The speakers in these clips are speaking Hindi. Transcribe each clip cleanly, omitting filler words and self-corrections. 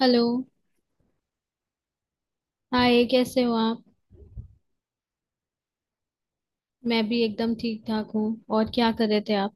हेलो। हाय, कैसे हो आप? मैं भी एकदम ठीक ठाक हूँ। और क्या कर रहे थे आप?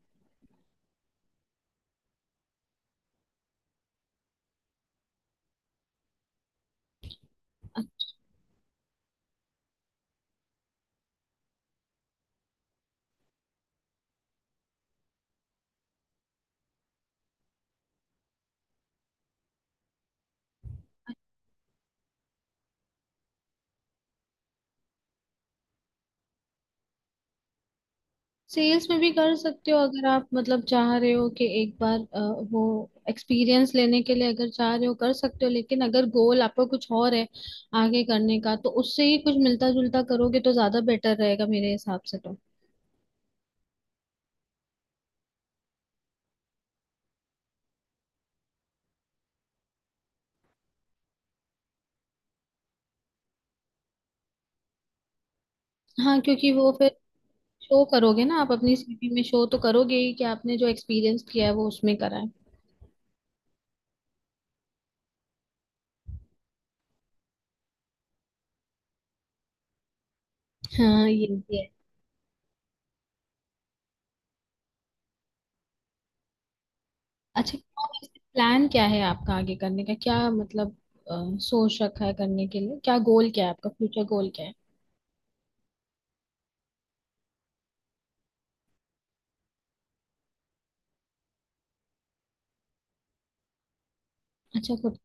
सेल्स में भी कर सकते हो, अगर आप मतलब चाह रहे हो कि एक बार वो एक्सपीरियंस लेने के लिए, अगर चाह रहे हो कर सकते हो। लेकिन अगर गोल आपका कुछ और है आगे करने का, तो उससे ही कुछ मिलता जुलता करोगे तो ज्यादा बेटर रहेगा मेरे हिसाब से तो। हाँ, क्योंकि वो फिर शो करोगे ना आप, अपनी सीवी में शो तो करोगे ही कि आपने जो एक्सपीरियंस किया है वो उसमें करा है। हाँ, ये भी है। अच्छा, प्लान क्या है आपका आगे करने का? क्या मतलब, अ, सोच रखा है करने के लिए? क्या गोल, क्या है आपका फ्यूचर गोल क्या है? अच्छा, खुद।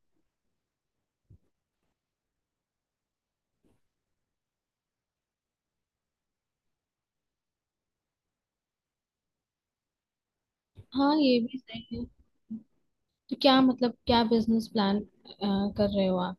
हाँ, ये भी सही है। तो क्या मतलब, क्या बिजनेस प्लान कर रहे हो आप?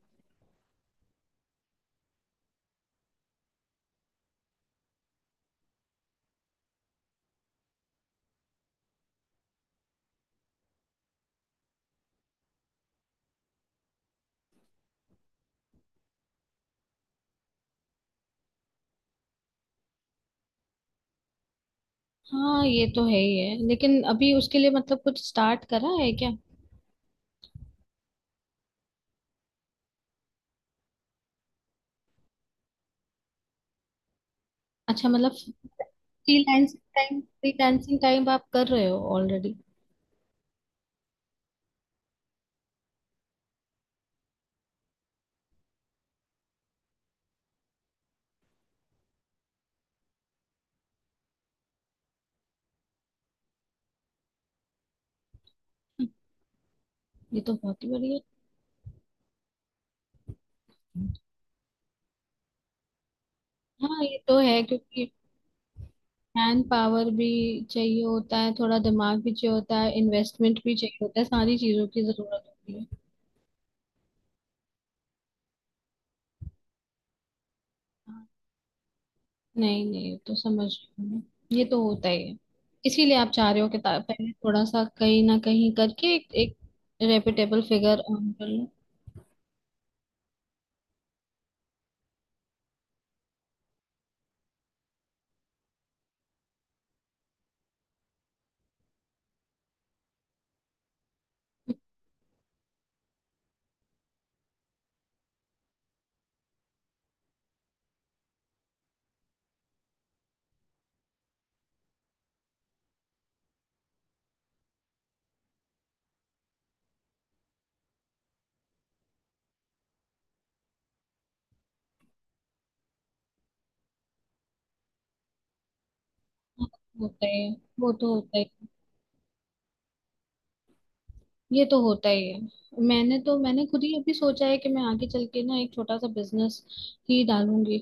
हाँ, ये तो है ही है, लेकिन अभी उसके लिए मतलब कुछ स्टार्ट करा है क्या? अच्छा, मतलब फ्रीलांसिंग टाइम, फ्रीलांसिंग टाइम आप कर रहे हो ऑलरेडी। ये तो बहुत ही बढ़िया। हाँ, ये तो है क्योंकि मैन पावर भी चाहिए होता है, थोड़ा दिमाग भी चाहिए होता है, इन्वेस्टमेंट भी चाहिए होता है, सारी चीजों की जरूरत होती है। हाँ, नहीं नहीं तो समझ रही हूँ मैं। ये तो होता ही है। इसीलिए आप चाह रहे हो कि पहले थोड़ा सा कहीं ना कहीं करके एक, एक रेपिटेबल फिगर अर्न कर लो। हाँ, होता ही है वो, तो होता ही है। ये तो होता ही है। मैंने तो, मैंने खुद ही अभी सोचा है कि मैं आगे चल के ना एक छोटा सा बिजनेस ही डालूंगी।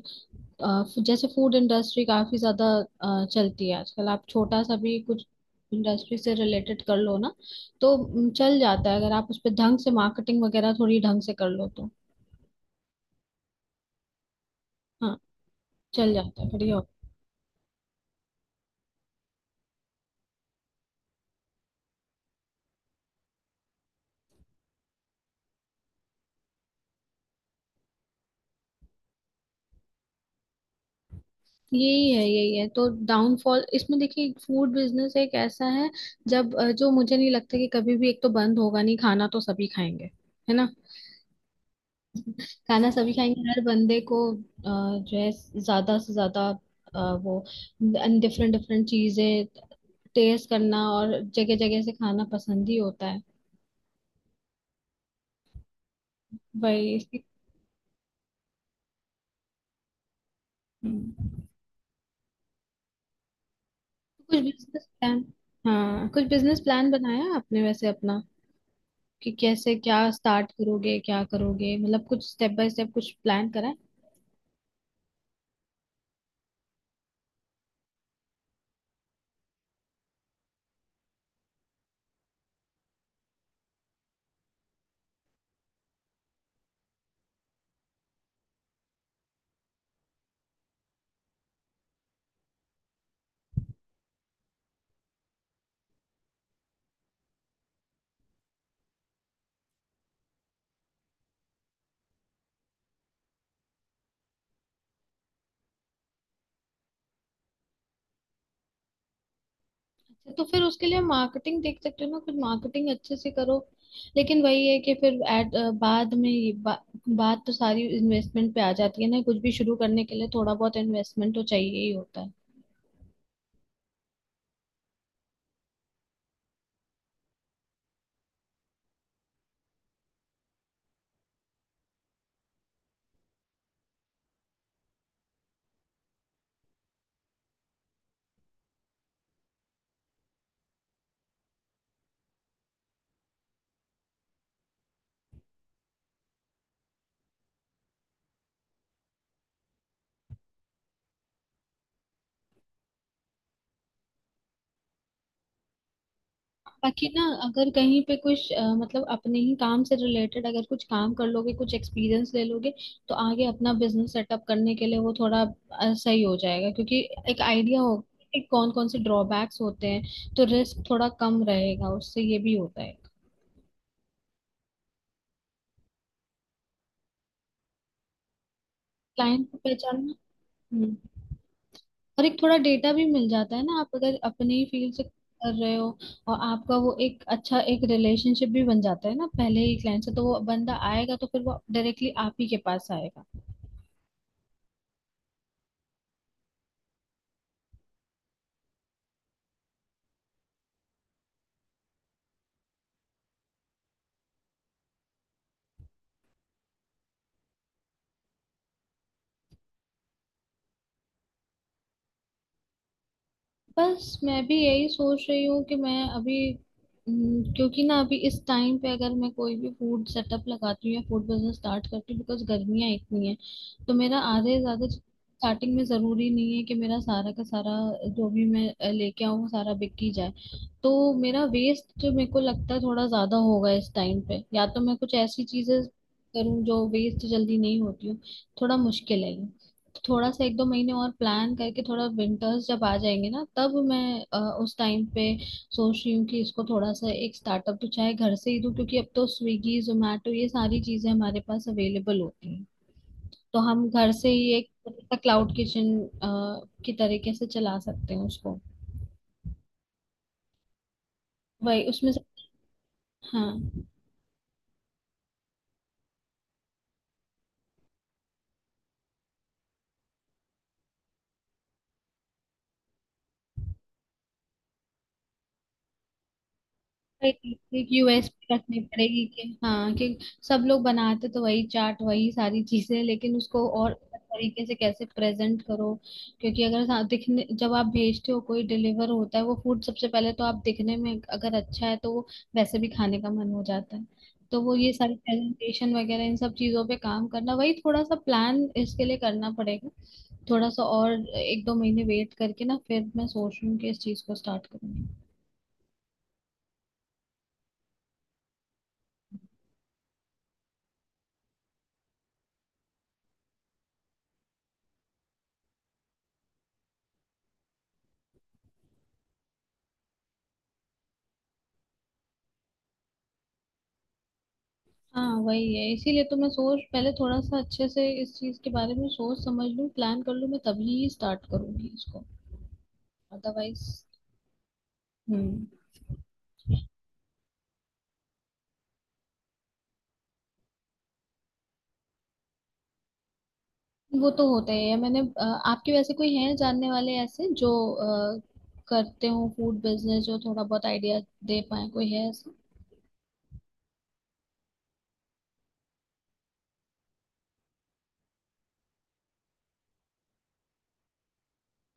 जैसे फूड इंडस्ट्री काफी ज्यादा चलती है आजकल। आप छोटा सा भी कुछ इंडस्ट्री से रिलेटेड कर लो ना, तो चल जाता है अगर आप उस पर ढंग से मार्केटिंग वगैरह थोड़ी ढंग से कर लो तो। हाँ, चल जाता है, बढ़िया होता है। यही है, यही है। तो डाउनफॉल इसमें, देखिए फूड बिजनेस एक ऐसा है जब जो मुझे नहीं लगता कि कभी भी एक तो बंद होगा। नहीं, खाना तो सभी खाएंगे, है ना? खाना सभी खाएंगे। हर बंदे को जो है ज्यादा से ज्यादा वो डिफरेंट डिफरेंट चीजें टेस्ट करना और जगह जगह से खाना पसंद ही होता है। वही इसकी- हम्म। कुछ बिजनेस प्लान, हाँ कुछ बिजनेस प्लान बनाया आपने वैसे अपना? कि कैसे, क्या स्टार्ट करोगे, क्या करोगे मतलब कुछ स्टेप बाय स्टेप कुछ प्लान करा है? अच्छा, तो फिर उसके लिए मार्केटिंग देख सकते हो ना, कुछ मार्केटिंग अच्छे से करो। लेकिन वही है कि फिर एट बाद में ये बा, बात तो सारी इन्वेस्टमेंट पे आ जाती है ना। कुछ भी शुरू करने के लिए थोड़ा बहुत इन्वेस्टमेंट तो चाहिए ही होता है। बाकी ना, अगर कहीं पे कुछ मतलब अपने ही काम से रिलेटेड अगर कुछ काम कर लोगे, कुछ एक्सपीरियंस ले लोगे, तो आगे अपना बिजनेस सेटअप करने के लिए वो थोड़ा सही हो जाएगा, क्योंकि एक आइडिया हो कि कौन कौन से ड्रॉबैक्स होते हैं, तो रिस्क थोड़ा कम रहेगा उससे। ये भी होता है। क्लाइंट को पहचानना, हम्म। और एक थोड़ा डेटा भी मिल जाता है ना, आप अगर अपने ही फील्ड से कर रहे हो। और आपका वो एक अच्छा एक रिलेशनशिप भी बन जाता है ना पहले ही क्लाइंट से, तो वो बंदा आएगा तो फिर वो डायरेक्टली आप ही के पास आएगा। बस मैं भी यही सोच रही हूँ कि मैं अभी, क्योंकि ना अभी इस टाइम पे अगर मैं कोई भी फूड सेटअप लगाती हूँ या फूड बिजनेस स्टार्ट करती हूँ, बिकॉज गर्मियाँ इतनी हैं, तो मेरा आधे से ज्यादा स्टार्टिंग में जरूरी नहीं है कि मेरा सारा का सारा जो भी मैं लेके आऊँ वो सारा बिक ही जाए। तो मेरा वेस्ट, जो मेरे को लगता है, थोड़ा ज्यादा होगा इस टाइम पे। या तो मैं कुछ ऐसी चीजें करूँ जो वेस्ट जल्दी नहीं होती हूँ। थोड़ा मुश्किल है ये। थोड़ा सा एक दो महीने और प्लान करके, थोड़ा विंटर्स जब आ जाएंगे ना, तब मैं अ, उस टाइम पे सोच रही हूँ कि इसको थोड़ा सा एक स्टार्टअप तो चाहे घर से ही दूँ, क्योंकि अब तो स्विगी जोमेटो ये सारी चीजें हमारे पास अवेलेबल होती हैं। तो हम घर से ही एक क्लाउड किचन की तरीके से चला सकते हैं उसको। वही उसमें से- हाँ, एक यूएसपी रखनी पड़ेगी कि हाँ कि सब लोग बनाते तो वही चाट, वही सारी चीजें, लेकिन उसको और अलग तरीके से कैसे प्रेजेंट करो। क्योंकि अगर दिखने, जब आप भेजते हो कोई डिलीवर होता है वो फूड, सबसे पहले तो आप दिखने में अगर अच्छा है तो वो वैसे भी खाने का मन हो जाता है। तो वो ये सारी प्रेजेंटेशन वगैरह इन सब चीजों पे काम करना, वही थोड़ा सा प्लान इसके लिए करना पड़ेगा। थोड़ा सा और एक दो महीने वेट करके ना, फिर मैं सोच रही हूँ कि इस चीज को स्टार्ट करूँ। हाँ, वही है। इसीलिए तो मैं सोच पहले थोड़ा सा अच्छे से इस चीज के बारे में सोच समझ लूँ, प्लान कर लूँ, मैं तभी स्टार्ट करूंगी इसको, अदरवाइज। हम्म। वो तो होता ही है। मैंने आपके वैसे कोई हैं जानने वाले ऐसे जो अ, करते हो फूड बिजनेस जो थोड़ा बहुत आइडिया दे पाए, कोई है ऐसा?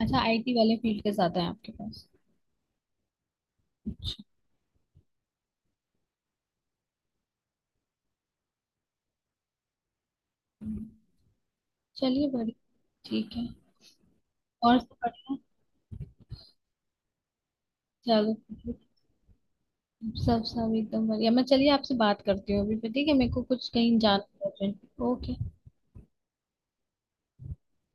अच्छा, आईटी वाले फील्ड के साथ है आपके पास। अच्छा। चलिए, बढ़िया। ठीक है। और सब बढ़िया? चलो, सब सब एकदम बढ़िया। मैं, चलिए, आपसे बात करती हूँ अभी पे। ठीक है, मेरे को कुछ कहीं जाना है urgent। ओके।